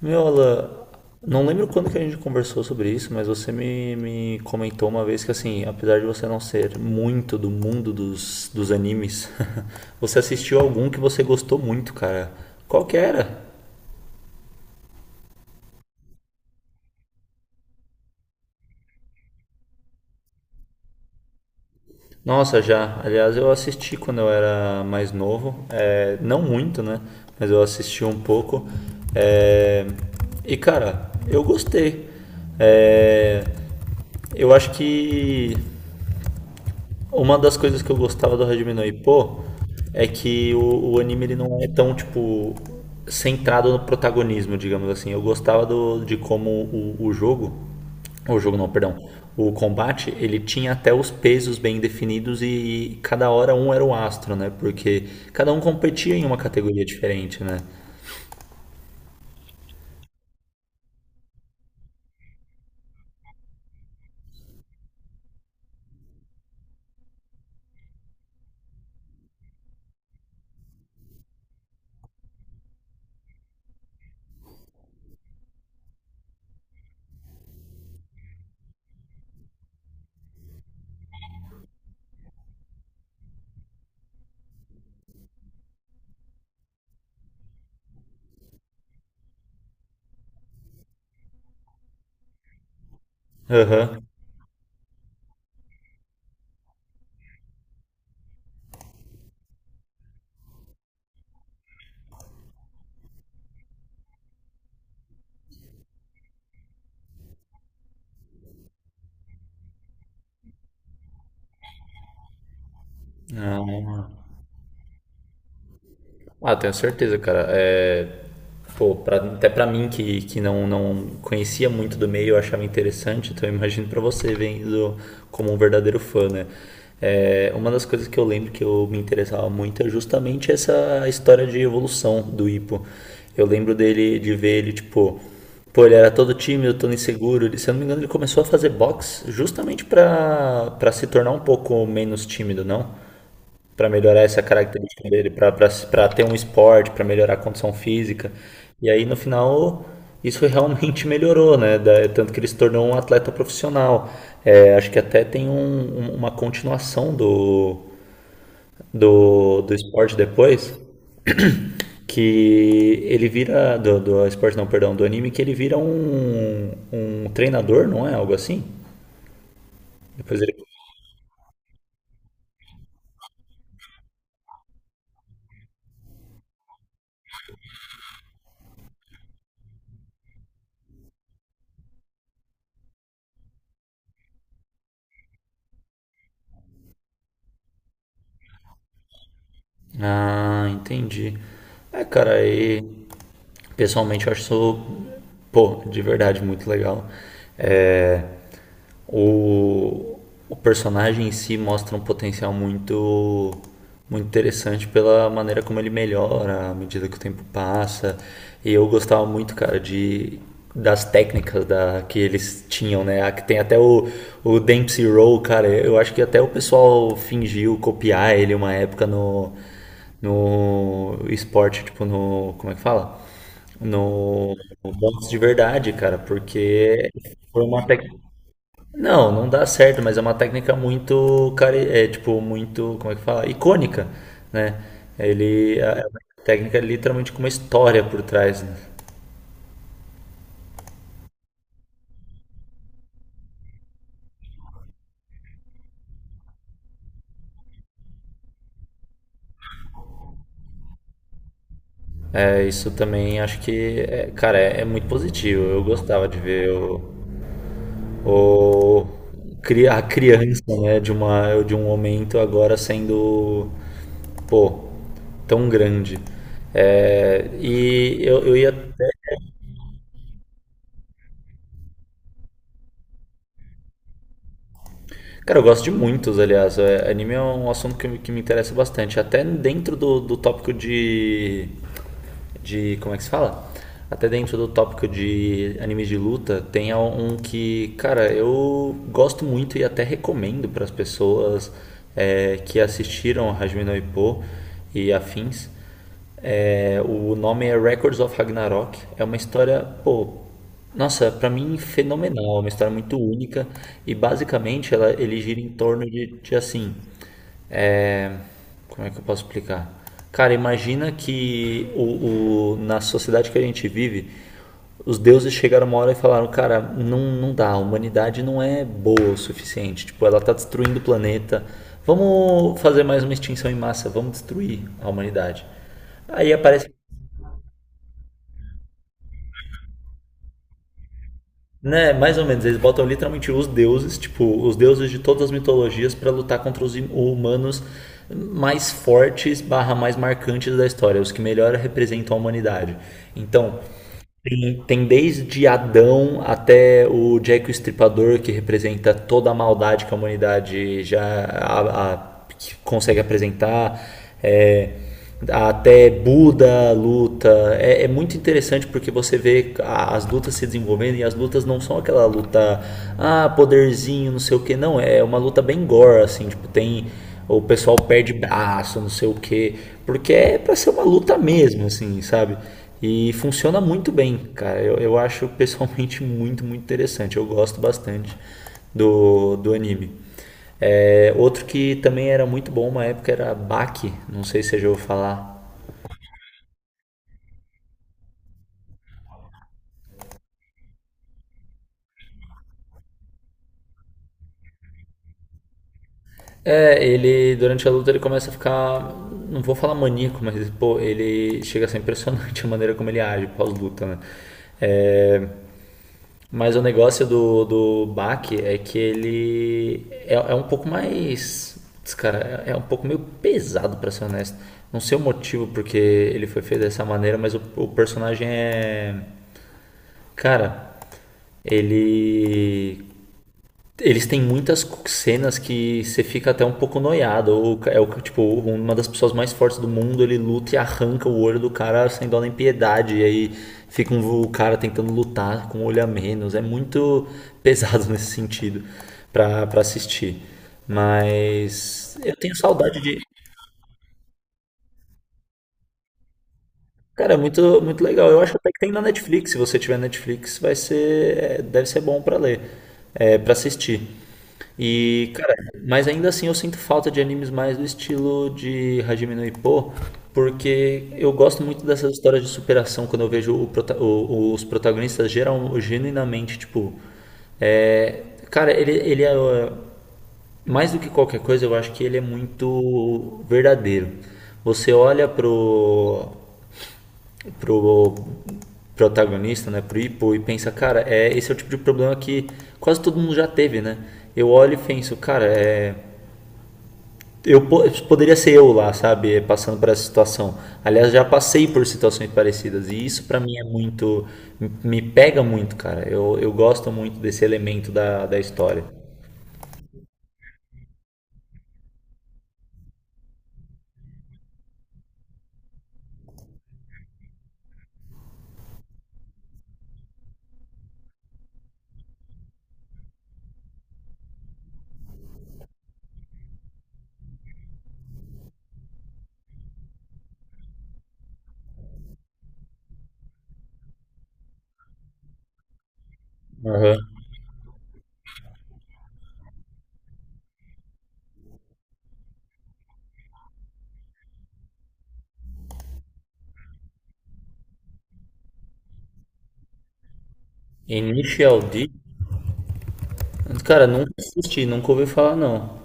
Meu, Alan, não lembro quando que a gente conversou sobre isso, mas você me comentou uma vez que, assim, apesar de você não ser muito do mundo dos animes, você assistiu algum que você gostou muito, cara. Qual que era? Nossa, já. Aliás, eu assisti quando eu era mais novo. É, não muito, né? Mas eu assisti um pouco. É, e, cara, eu gostei. É, eu acho que Uma das coisas que eu gostava do Hajime no Ippo é que o anime ele não é tão, tipo, centrado no protagonismo, digamos assim. Eu gostava de como o jogo não, perdão, o combate, ele tinha até os pesos bem definidos e cada hora um era o astro, né? Porque cada um competia em uma categoria diferente, né? Aham. Ah. Ah, tenho certeza, cara. É, pô, até pra mim que não, não conhecia muito do meio, eu achava interessante, então eu imagino pra você vendo como um verdadeiro fã, né? É, uma das coisas que eu lembro que eu me interessava muito é justamente essa história de evolução do Ipo. Eu lembro dele de ver ele, tipo, pô, ele era todo tímido, todo inseguro. Ele, se eu não me engano, ele começou a fazer boxe justamente pra se tornar um pouco menos tímido, não? Para melhorar essa característica dele, para ter um esporte, para melhorar a condição física. E aí no final isso realmente melhorou, né? Tanto que ele se tornou um atleta profissional. É, acho que até tem uma continuação do esporte depois, que ele vira, do, do esporte não, perdão, do anime, que ele vira um treinador, não é? Algo assim? Depois ele Ah, entendi. É, cara, aí pessoalmente eu acho isso, pô, de verdade muito legal. É, o, o personagem em si mostra um potencial muito, muito interessante pela maneira como ele melhora à medida que o tempo passa. E eu gostava muito, cara, de das técnicas da, que eles tinham, né? Que tem até o Dempsey Roll, cara. Eu acho que até o pessoal fingiu copiar ele uma época no esporte, tipo no. Como é que fala? No, no boxe de verdade, cara, porque foi uma técnica. Não, não dá certo, mas é uma técnica muito, cara, é tipo muito, como é que fala? Icônica, né? Ele é uma técnica é literalmente com uma história por trás, né? É, isso também acho que, cara, é, é muito positivo. Eu gostava de ver o- a criança, né, de um momento agora sendo, pô, tão grande. É, e eu ia Cara, eu gosto de muitos, aliás. É, anime é um assunto que me interessa bastante. Até dentro do, do tópico de. De. Como é que se fala? Até dentro do tópico de animes de luta, tem um que, cara, eu gosto muito e até recomendo para as pessoas é, que assistiram Hajime no Ippo e afins. É, o nome é Records of Ragnarok. É uma história, pô, nossa, pra mim fenomenal. É uma história muito única e basicamente ele gira em torno de assim. É, como é que eu posso explicar? Cara, imagina que na sociedade que a gente vive, os deuses chegaram uma hora e falaram: Cara, não, não dá, a humanidade não é boa o suficiente. Tipo, ela tá destruindo o planeta. Vamos fazer mais uma extinção em massa, vamos destruir a humanidade. Aí aparece, né, mais ou menos, eles botam literalmente os deuses, tipo, os deuses de todas as mitologias pra lutar contra os humanos mais fortes, barra mais marcantes da história, os que melhor representam a humanidade. Então, Tem, tem desde Adão até o Jack o Estripador, que representa toda a maldade que a humanidade que consegue apresentar, é, até Buda luta. É, é muito interessante porque você vê as lutas se desenvolvendo e as lutas não são aquela luta, ah, poderzinho, não sei o que, não. É uma luta bem gore, assim, tipo, tem ou o pessoal perde braço, não sei o quê, porque é para ser uma luta mesmo, assim, sabe? E funciona muito bem, cara. Eu acho pessoalmente muito, muito interessante. Eu gosto bastante do anime. É, outro que também era muito bom uma época era Baki, não sei se você já ouviu falar. É, ele durante a luta ele começa a ficar, não vou falar maníaco, mas pô, ele chega a ser impressionante a maneira como ele age pós-luta, né? É, mas o negócio do Bach é que ele é, é um pouco mais. Putz, cara, é é um pouco meio pesado, pra ser honesto. Não sei o motivo porque ele foi feito dessa maneira, mas o personagem é. Cara, ele eles têm muitas cenas que você fica até um pouco noiado. Ou é o tipo, uma das pessoas mais fortes do mundo, ele luta e arranca o olho do cara sem dó nem piedade. E aí o cara tentando lutar com o olho a menos. É muito pesado nesse sentido para assistir. Mas eu tenho saudade de. Cara, é muito, muito legal. Eu acho até que tem na Netflix. Se você tiver Netflix, vai ser, é, deve ser bom pra ler, é, para assistir. E, cara, mas ainda assim eu sinto falta de animes mais do estilo de Hajime no Ippo, porque eu gosto muito dessas histórias de superação quando eu vejo os protagonistas geral, genuinamente, tipo, é, cara, ele é ó, mais do que qualquer coisa, eu acho que ele é muito verdadeiro. Você olha pro protagonista, né, pro Ipo, e pensa, cara, é, esse é o tipo de problema que quase todo mundo já teve, né? Eu olho e penso, cara, é, eu poderia ser eu lá, sabe, passando por essa situação. Aliás, já passei por situações parecidas e isso pra mim é muito, me pega muito, cara. Eu gosto muito desse elemento da história. Aham. Initial D? Cara, nunca assisti, nunca ouvi falar não.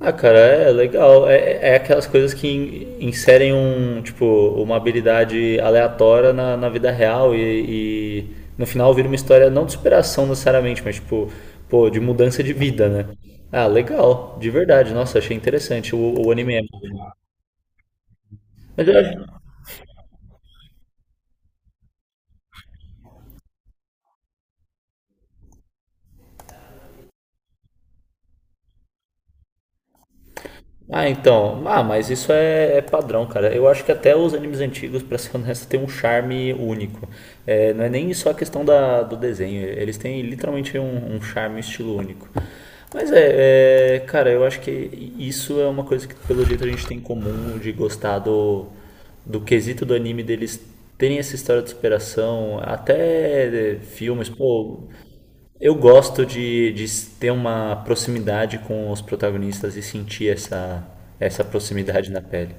Ah, cara, é legal. É, é é aquelas coisas que inserem um, tipo, uma habilidade aleatória na vida real e no final vira uma história não de superação necessariamente, mas tipo, pô, de mudança de vida, né? Ah, legal, de verdade. Nossa, achei interessante o anime. Mas eu acho, Ah, então. Ah, mas isso é, é padrão, cara. Eu acho que até os animes antigos, pra ser honesto, tem um charme único. É, não é nem só a questão da, do desenho. Eles têm literalmente um charme, um estilo único. Mas é, é, cara, eu acho que isso é uma coisa que, pelo jeito, a gente tem em comum de gostar do quesito do anime deles terem essa história de superação, até filmes, pô. Eu gosto de ter uma proximidade com os protagonistas e sentir essa, essa proximidade na pele.